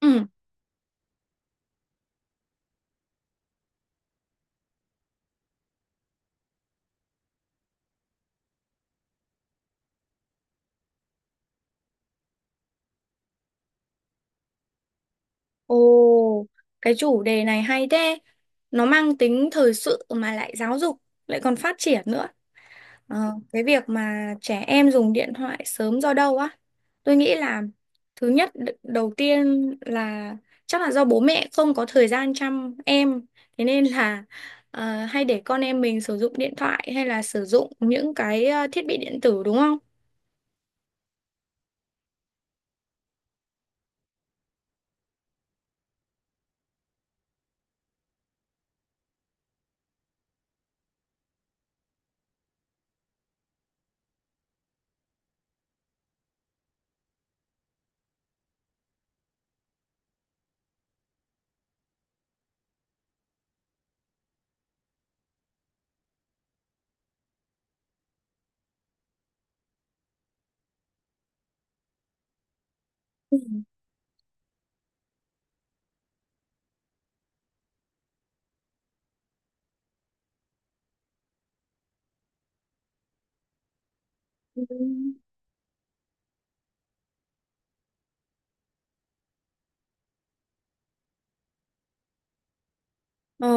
Ừ, ồ, cái chủ đề này hay thế. Nó mang tính thời sự mà lại giáo dục, lại còn phát triển nữa. Ờ, cái việc mà trẻ em dùng điện thoại sớm do đâu á? Tôi nghĩ là thứ nhất đầu tiên là chắc là do bố mẹ không có thời gian chăm em, thế nên là hay để con em mình sử dụng điện thoại hay là sử dụng những cái thiết bị điện tử, đúng không? Ừ. Ừ. Ờ,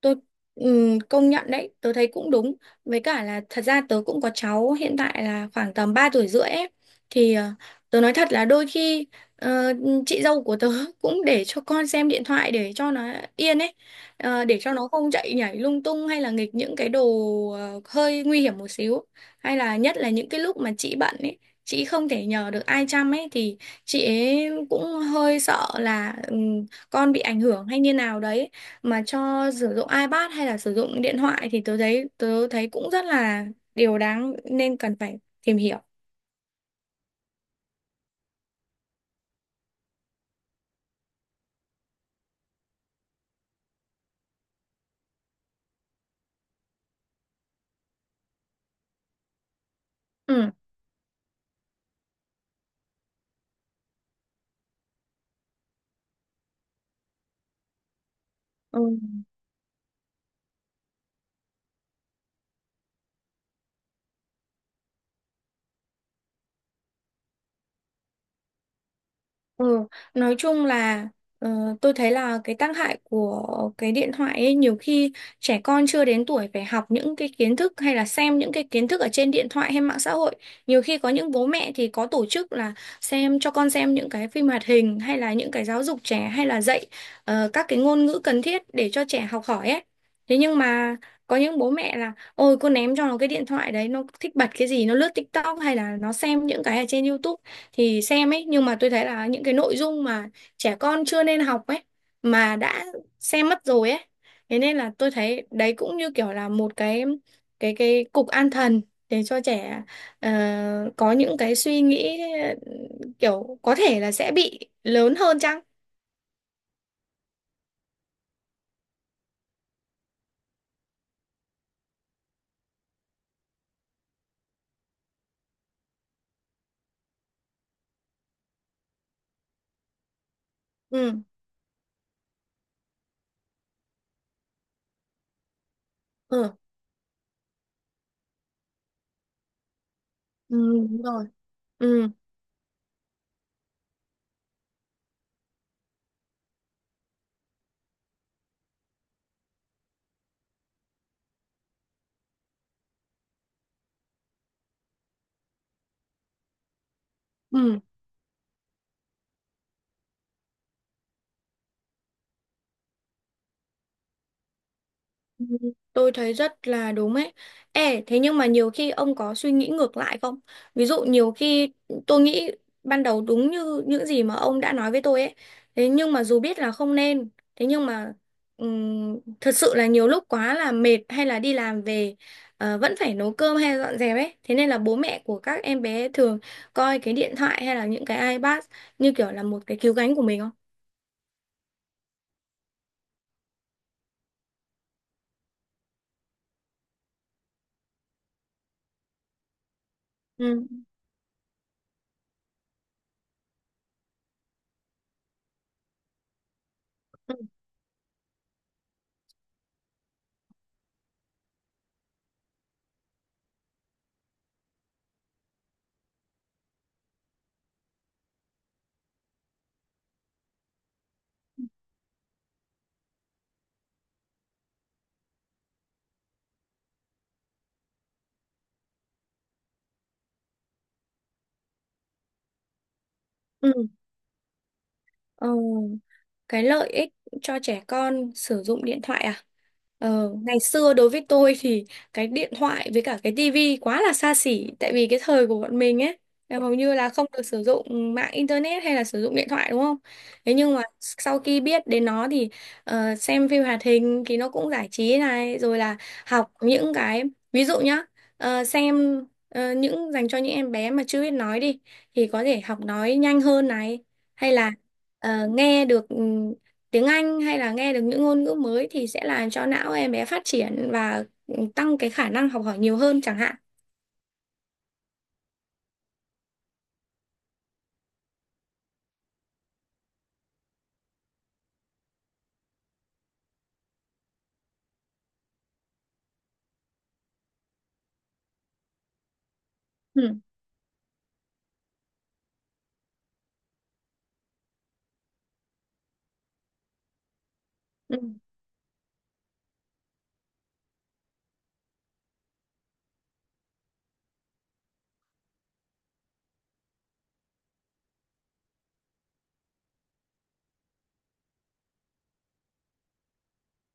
tôi công nhận đấy, tớ thấy cũng đúng. Với cả là thật ra tớ cũng có cháu, hiện tại là khoảng tầm 3 tuổi rưỡi ấy, thì tớ nói thật là đôi khi, ờ, chị dâu của tớ cũng để cho con xem điện thoại để cho nó yên ấy. Ờ, để cho nó không chạy nhảy lung tung hay là nghịch những cái đồ hơi nguy hiểm một xíu, hay là nhất là những cái lúc mà chị bận ấy, chị không thể nhờ được ai chăm ấy, thì chị ấy cũng hơi sợ là con bị ảnh hưởng hay như nào đấy mà cho sử dụng iPad hay là sử dụng điện thoại, thì tớ thấy cũng rất là điều đáng nên cần phải tìm hiểu. Ừ. Ừ. Ừ, nói chung là ờ, tôi thấy là cái tác hại của cái điện thoại ấy, nhiều khi trẻ con chưa đến tuổi phải học những cái kiến thức hay là xem những cái kiến thức ở trên điện thoại hay mạng xã hội. Nhiều khi có những bố mẹ thì có tổ chức là xem, cho con xem những cái phim hoạt hình hay là những cái giáo dục trẻ hay là dạy các cái ngôn ngữ cần thiết để cho trẻ học hỏi ấy. Thế nhưng mà có những bố mẹ là ôi cô ném cho nó cái điện thoại đấy, nó thích bật cái gì, nó lướt TikTok hay là nó xem những cái ở trên YouTube thì xem ấy. Nhưng mà tôi thấy là những cái nội dung mà trẻ con chưa nên học ấy mà đã xem mất rồi ấy. Thế nên là tôi thấy đấy cũng như kiểu là một cái cục an thần để cho trẻ ờ, có những cái suy nghĩ, kiểu có thể là sẽ bị lớn hơn chăng. Ừ. Ừ. Ừ, đúng rồi. Ừ. Ừ. Ừ, tôi thấy rất là đúng ấy. Ê, thế nhưng mà nhiều khi ông có suy nghĩ ngược lại không? Ví dụ nhiều khi tôi nghĩ ban đầu đúng như những gì mà ông đã nói với tôi ấy. Thế nhưng mà dù biết là không nên, thế nhưng mà thật sự là nhiều lúc quá là mệt hay là đi làm về vẫn phải nấu cơm hay dọn dẹp ấy. Thế nên là bố mẹ của các em bé thường coi cái điện thoại hay là những cái iPad như kiểu là một cái cứu cánh của mình, không? Ừ. Ừ. Ừ. Ờ, cái lợi ích cho trẻ con sử dụng điện thoại à? Ngày xưa đối với tôi thì cái điện thoại với cả cái tivi quá là xa xỉ, tại vì cái thời của bọn mình ấy là hầu như là không được sử dụng mạng internet hay là sử dụng điện thoại, đúng không? Thế nhưng mà sau khi biết đến nó thì xem phim hoạt hình thì nó cũng giải trí này, rồi là học những cái, ví dụ nhá, xem những dành cho những em bé mà chưa biết nói đi thì có thể học nói nhanh hơn này, hay là nghe được tiếng Anh hay là nghe được những ngôn ngữ mới thì sẽ làm cho não em bé phát triển, và tăng cái khả năng học hỏi nhiều hơn chẳng hạn. Ừ. Ừ.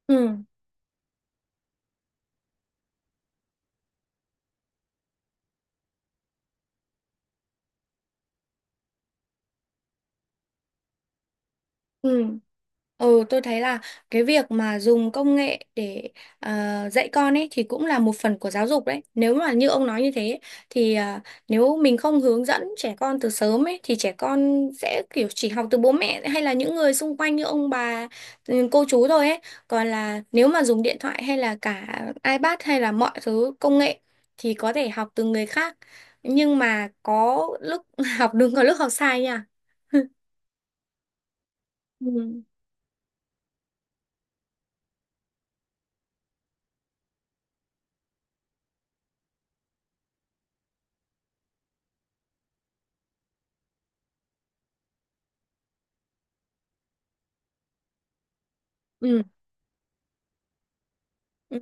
Ừ. Ừ. Ừ, tôi thấy là cái việc mà dùng công nghệ để ờ, dạy con ấy thì cũng là một phần của giáo dục đấy. Nếu mà như ông nói như thế ấy, thì à, nếu mình không hướng dẫn trẻ con từ sớm ấy thì trẻ con sẽ kiểu chỉ học từ bố mẹ hay là những người xung quanh như ông bà, ừ, cô chú thôi ấy. Còn là nếu mà dùng điện thoại hay là cả iPad hay là mọi thứ công nghệ thì có thể học từ người khác. Nhưng mà có lúc học đúng có lúc học sai nha. Ừ. Ừ. Ừ.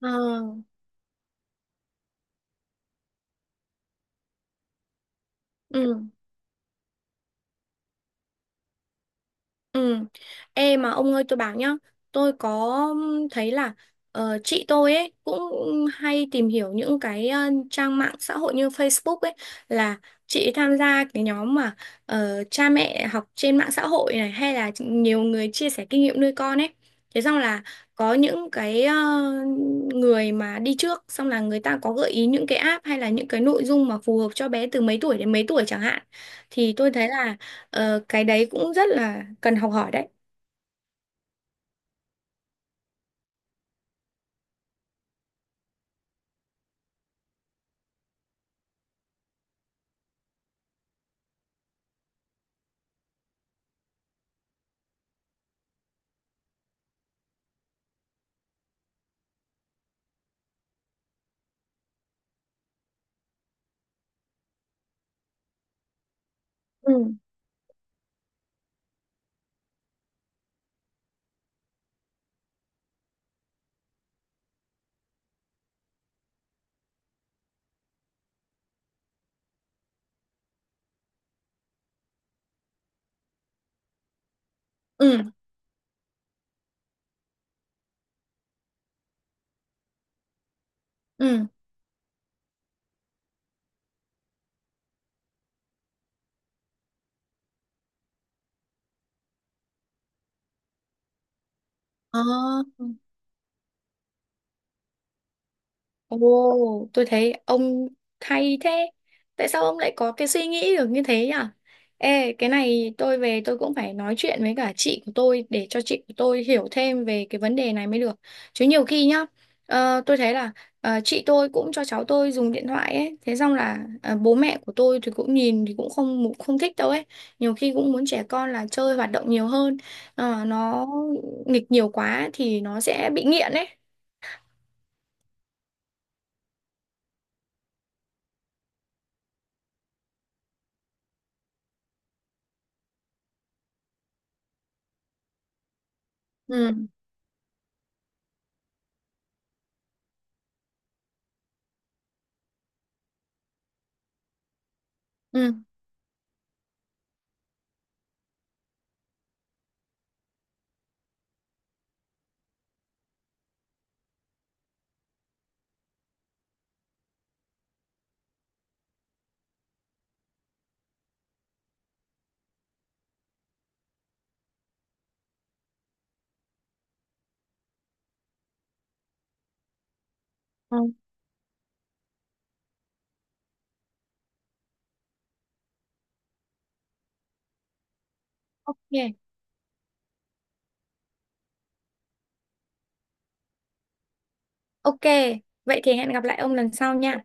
Ờ. Ừ, ừ. Ê mà ông ơi tôi bảo nhá, tôi có thấy là chị tôi ấy cũng hay tìm hiểu những cái trang mạng xã hội như Facebook ấy, là chị ấy tham gia cái nhóm mà cha mẹ học trên mạng xã hội này, hay là nhiều người chia sẻ kinh nghiệm nuôi con ấy. Thế xong là có những cái người mà đi trước xong là người ta có gợi ý những cái app hay là những cái nội dung mà phù hợp cho bé từ mấy tuổi đến mấy tuổi chẳng hạn. Thì tôi thấy là, ờ, cái đấy cũng rất là cần học hỏi đấy. Ừ. Ừ, ừ. Ờ. Ồ, tôi thấy ông hay thế. Tại sao ông lại có cái suy nghĩ được như thế nhỉ? Ê, cái này tôi về tôi cũng phải nói chuyện với cả chị của tôi để cho chị của tôi hiểu thêm về cái vấn đề này mới được. Chứ nhiều khi nhá, tôi thấy là chị tôi cũng cho cháu tôi dùng điện thoại ấy, thế xong là bố mẹ của tôi thì cũng nhìn thì cũng không không thích đâu ấy. Nhiều khi cũng muốn trẻ con là chơi hoạt động nhiều hơn, ờ, nó nghịch nhiều quá thì nó sẽ bị nghiện ấy. Ừ. Ừ. Ok, ok. Vậy thì hẹn gặp lại ông lần sau nha.